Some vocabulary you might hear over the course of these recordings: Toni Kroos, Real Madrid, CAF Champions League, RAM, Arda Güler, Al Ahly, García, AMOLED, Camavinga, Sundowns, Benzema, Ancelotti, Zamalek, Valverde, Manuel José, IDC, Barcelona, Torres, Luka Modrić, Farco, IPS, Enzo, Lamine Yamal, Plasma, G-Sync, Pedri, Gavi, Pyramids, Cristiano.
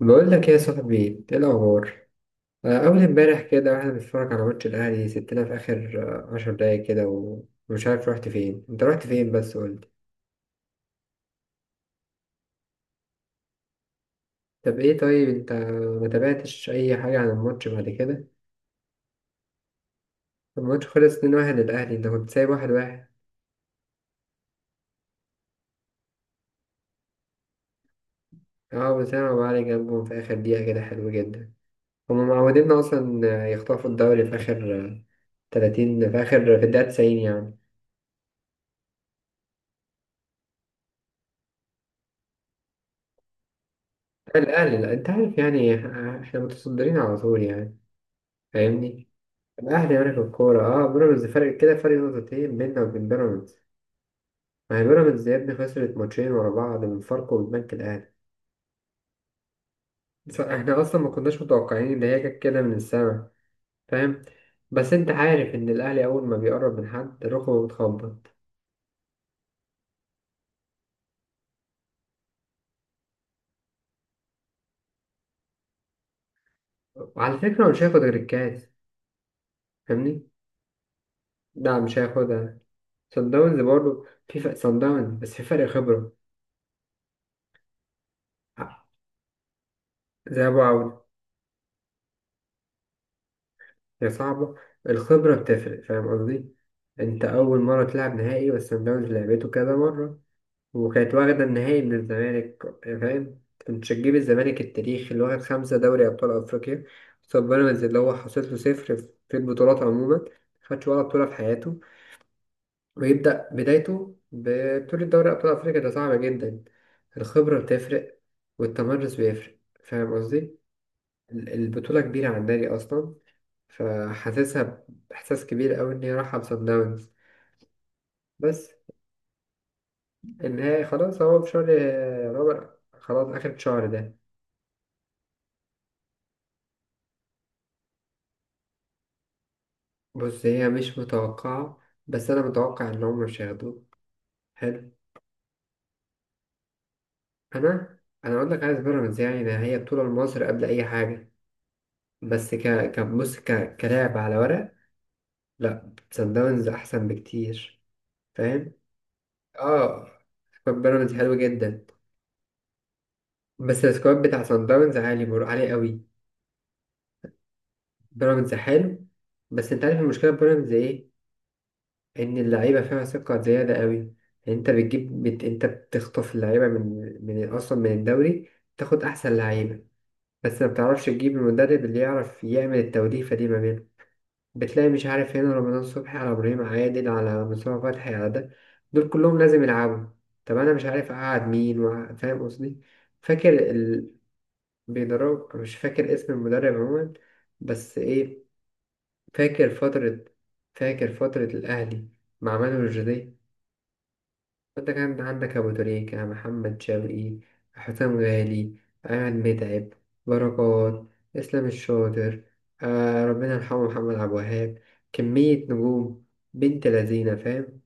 بقول لك يا صاحبي، ايه الاخبار؟ اول امبارح كده واحنا بنتفرج على ماتش الاهلي سبتنا في اخر 10 دقايق كده ومش عارف رحت فين، انت رحت فين بس؟ قلت طب ايه، طيب انت ما تابعتش اي حاجه عن الماتش بعد كده؟ الماتش خلص 2-1 للاهلي، انت كنت سايب واحد واحد. اه بس انا معلي جنبهم في اخر دقيقه كده، حلو جدا. هما معوديننا اصلا يخطفوا الدوري في اخر 30 في اخر، في الدقيقه 90 يعني. الاهلي، لا انت عارف يعني احنا متصدرين على طول يعني، فاهمني. الأهلي يعني في الكورة، اه بيراميدز فرق كده، فرق نقطتين بيننا وبين بيراميدز. ما هي بيراميدز يا ابني خسرت ماتشين ورا بعض من فاركو والبنك الأهلي. احنا أصلا ما كناش متوقعين إن هي جت كده من السما، فاهم. بس أنت عارف إن الأهلي أول ما بيقرب من حد ركبه بتخبط. وعلى فكرة هو مش هياخد غير الكاس، فاهمني؟ لا مش هياخدها. صن داونز برضه في فرق، صن داونز بس في فرق خبرة. زي أبو عوف. هي صعبة. الخبرة بتفرق، فاهم قصدي. انت اول مرة تلعب نهائي، بس سان داونز لعبته كذا مرة وكانت واخدة النهائي من الزمالك، فاهم. كنت هتجيب الزمالك التاريخي اللي واخد 5 دوري ابطال افريقيا قصاد بيراميدز اللي هو حاصل له 0 في البطولات عموما. خدش ولا بطولة في حياته، ويبدأ بدايته ببطولة دوري ابطال افريقيا؟ ده صعبة جدا. الخبرة بتفرق والتمرس بيفرق، فاهم قصدي. البطولة كبيرة على النادي أصلا، فحاسسها بإحساس كبير قوي إن هي رايحة لصن داونز. بس النهائي خلاص هو في شهر رابع، خلاص آخر الشهر ده. بص هي مش متوقعة، بس أنا متوقع إن هم مش هياخدوه. حلو. أنا أنا أقول لك عايز بيراميدز، يعني ده هي بطولة لمصر قبل أي حاجة. بس بص ك كلاعب على ورق، لا صن داونز أحسن بكتير، فاهم؟ آه. سكواد بيراميدز حلو جدا، بس السكواد بتاع صن داونز عالي عالي قوي. بيراميدز حلو، بس انت عارف المشكله في بيراميدز ايه؟ ان اللعيبه فيها ثقه زياده قوي. انت بتجيب انت بتخطف اللعيبه من اصلا من الدوري، تاخد احسن لعيبه. بس ما بتعرفش تجيب المدرب اللي يعرف يعمل التوليفه دي ما بينهم. بتلاقي مش عارف هنا رمضان صبحي على ابراهيم عادل على مصطفى فتحي على ده، دول كلهم لازم يلعبوا. طب انا مش عارف اقعد مين فاهم قصدي؟ فاكر بيدرب، مش فاكر اسم المدرب عموما، بس ايه. فاكر فترة فاكر فترة الأهلي مع مانويل الجدي. فأنت كان عندك أبو تريكة، محمد شوقي، حسام غالي، أحمد متعب، بركات، إسلام الشاطر، آه ربنا يرحمه، محمد عبد الوهاب، كمية نجوم. بنت لذينة فاهم.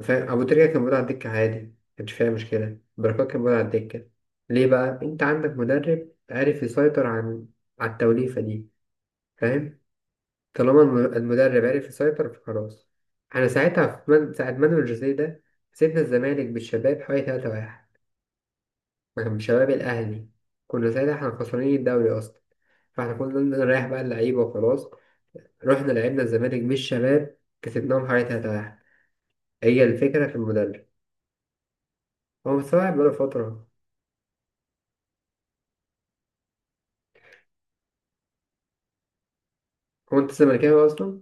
فاهم، أبو تريكة كان موجود على الدكة عادي، مكانش فيها مشكلة، بركات كان موجود على الدكة. ليه؟ بقى أنت عندك مدرب عارف يسيطر على التوليفة دي، فاهم. طالما المدرب عرف يسيطر فخلاص. احنا ساعتها ساعة مانويل جوزيه ده كسبنا الزمالك بالشباب حوالي 3-1 مع شباب الأهلي. كنا ساعتها احنا خسرانين الدوري أصلا، فاحنا كنا نريح بقى اللعيبة وخلاص. رحنا لعبنا الزمالك بالشباب كسبناهم حوالي 3-1. هي الفكرة في المدرب. هو مستوعب بقاله فترة. هو أنت زملكاوي أصلا؟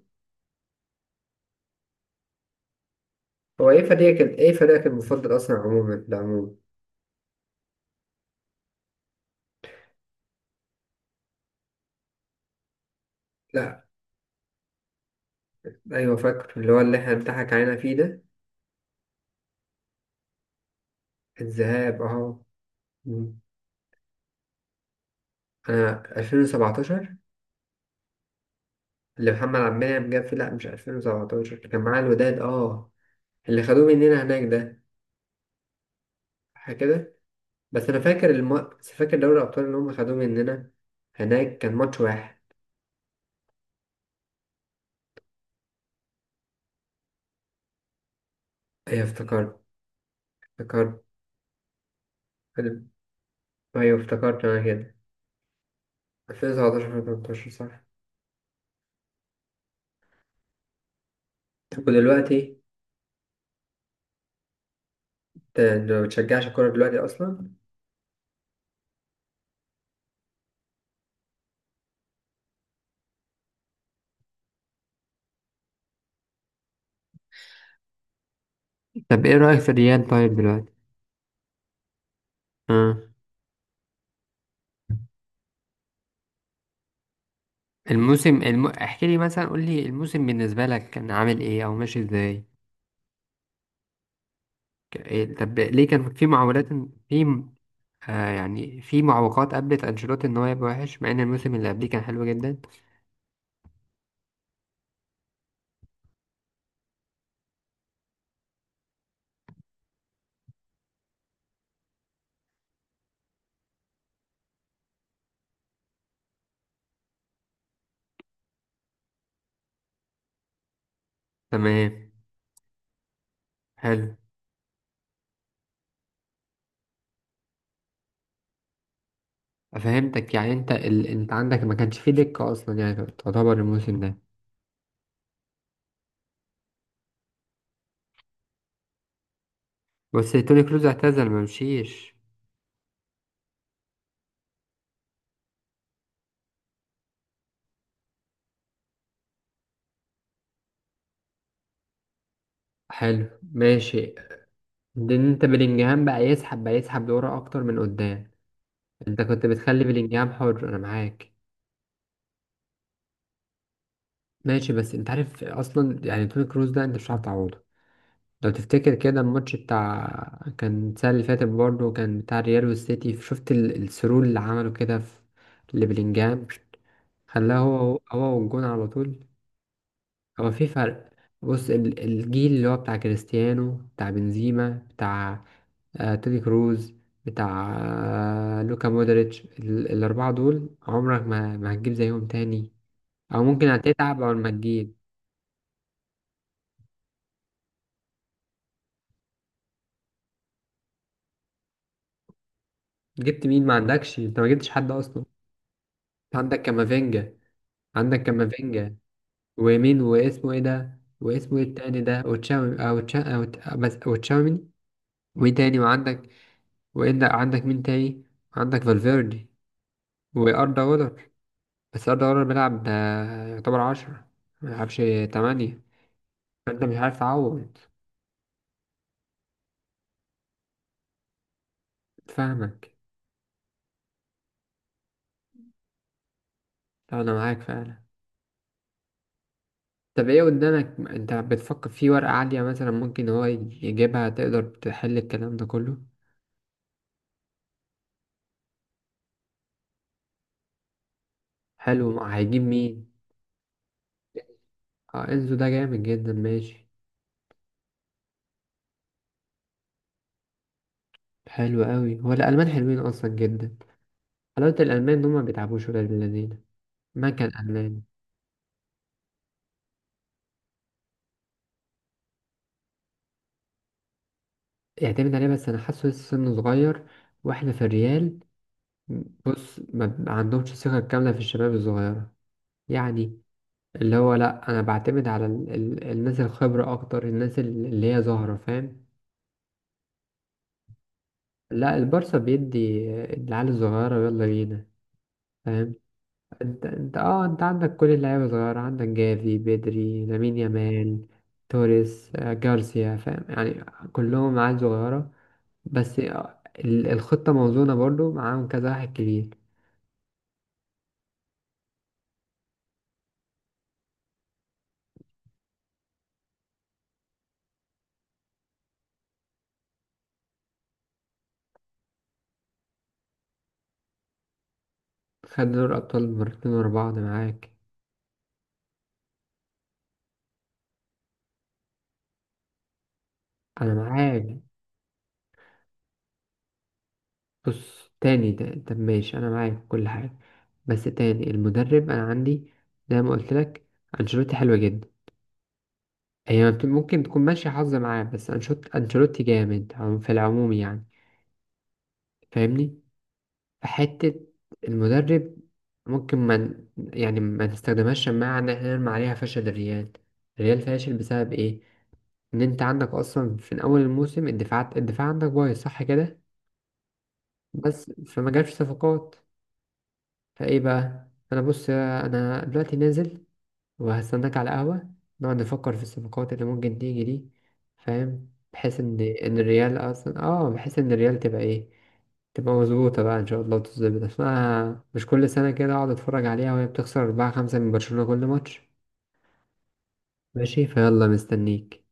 هو إيه فريقك المفضل أصلا عموما، ده عموما؟ لا أيوة، فاكر اللي هو اللي احنا بنضحك علينا فيه ده. الذهاب أهو. أنا 2017 اللي محمد عبد المنعم جاب فيه، لأ مش 2017، كان معاه الوداد. أه اللي خدوه مننا هناك ده، صح كده؟ بس فاكر دوري الأبطال اللي هم خدوه مننا، هناك كان ماتش واحد. أيوة افتكرت، افتكرت. أيوة افتكرت أنا كده. 2017 2018 صح. طب ودلوقتي، أنت ما بتشجعش الكورة دلوقتي أصلا؟ طب إيه رأيك في الريال طيب دلوقتي؟ آه. احكي لي مثلا، قول لي الموسم بالنسبة لك كان عامل إيه أو ماشي إزاي؟ إيه، طب ليه كان في معولات، في يعني في معوقات قابلت أنشيلوتي إن هو يبقى وحش مع إن الموسم اللي قبليه كان حلو جدا؟ تمام. حلو. فهمتك، يعني أنت أنت عندك ما كانش فيه دكة أصلا يعني، تعتبر الموسم ده. بس توني كروز اعتزل، ما مشيش. حلو ماشي. ده إن أنت بلينجهام بقى يسحب لورا أكتر من قدام. أنت كنت بتخلي بلينجهام حر، أنا معاك. ماشي، بس أنت عارف أصلا يعني توني كروز ده أنت مش هتعوضه. لو تفتكر كده الماتش بتاع كان السنة اللي فاتت برضه كان بتاع الريال والسيتي، شفت السرور اللي عمله كده في لبلينجهام؟ خلاه هو هو والجون على طول. هو في فرق. بص الجيل اللي هو بتاع كريستيانو، بتاع بنزيما، بتاع توني كروز، بتاع لوكا مودريتش، الأربعة دول عمرك ما هتجيب زيهم تاني. أو ممكن هتتعب أول ما تجيب. جبت مين؟ ما عندكش، أنت ما جبتش حد أصلا. عندك كامافينجا. عندك كامافينجا ومين واسمه ايه ده؟ واسمه ايه التاني ده؟ وتشاومي او تشا او ت- بس وتشاوميني. ومين تاني وعندك؟ وإن عندك مين تاني؟ عندك فالفيردي وأردا جولر. بس أردا جولر بيلعب يعتبر 10، مبيلعبش 8. فأنت مش عارف تعوض. فاهمك. أنا معاك فعلا. طب ايه قدامك انت، بتفكر في ورقة عالية مثلا ممكن هو يجيبها تقدر تحل الكلام ده كله؟ حلو، هيجيب مين؟ اه انزو ده جامد جدا، ماشي. حلو قوي، هو الالمان حلوين اصلا جدا. حلاوه الالمان ان هم ما بيتعبوش ولا بالذين. ما كان المان. يعتمد عليه، بس انا حاسه لسه سنه صغير، واحنا في الريال. بص ما عندهمش ثقه كامله في الشباب الصغيره، يعني اللي هو لا انا بعتمد على ال الناس الخبره اكتر، الناس اللي هي ظاهره، فاهم. لا البارسا بيدي العيال الصغيره يلا بينا، فاهم. انت عندك كل اللعيبة صغيرة، عندك جافي، بدري، لامين يامال، توريس، جارسيا، فاهم يعني. كلهم عيال صغيرة. بس الخطة موزونة برضو معاهم كذا واحد كبير. خد دوري أبطال مرتين ورا بعض معاك. أنا معاك. بص تاني ده، طب ماشي، أنا معاك في كل حاجة. بس تاني المدرب، أنا عندي زي ما قلت لك، أنشيلوتي حلوة جدا. هي ممكن تكون ماشية حظ معاه، بس أنشيلوتي جامد في العموم يعني، فاهمني. حتة المدرب، ممكن ما ن- يعني ما نستخدمهاش شماعة إن احنا نرمي عليها فشل الريال. الريال فاشل بسبب إيه؟ إن أنت عندك أصلا في أول الموسم الدفاعات، الدفاع عندك بايظ صح كده؟ بس فما جابش صفقات. فإيه بقى؟ أنا بص، أنا دلوقتي نازل، وهستناك على قهوة. نقعد نفكر في الصفقات اللي ممكن تيجي دي، فاهم، بحيث ان الريال اصلا بحيث ان الريال تبقى ايه، تبقى مظبوطة بقى ان شاء الله وتظبط اسمها، مش كل سنة كده اقعد اتفرج عليها وهي بتخسر 4 5 من برشلونة كل ماتش. ماشي فيلا، مستنيك.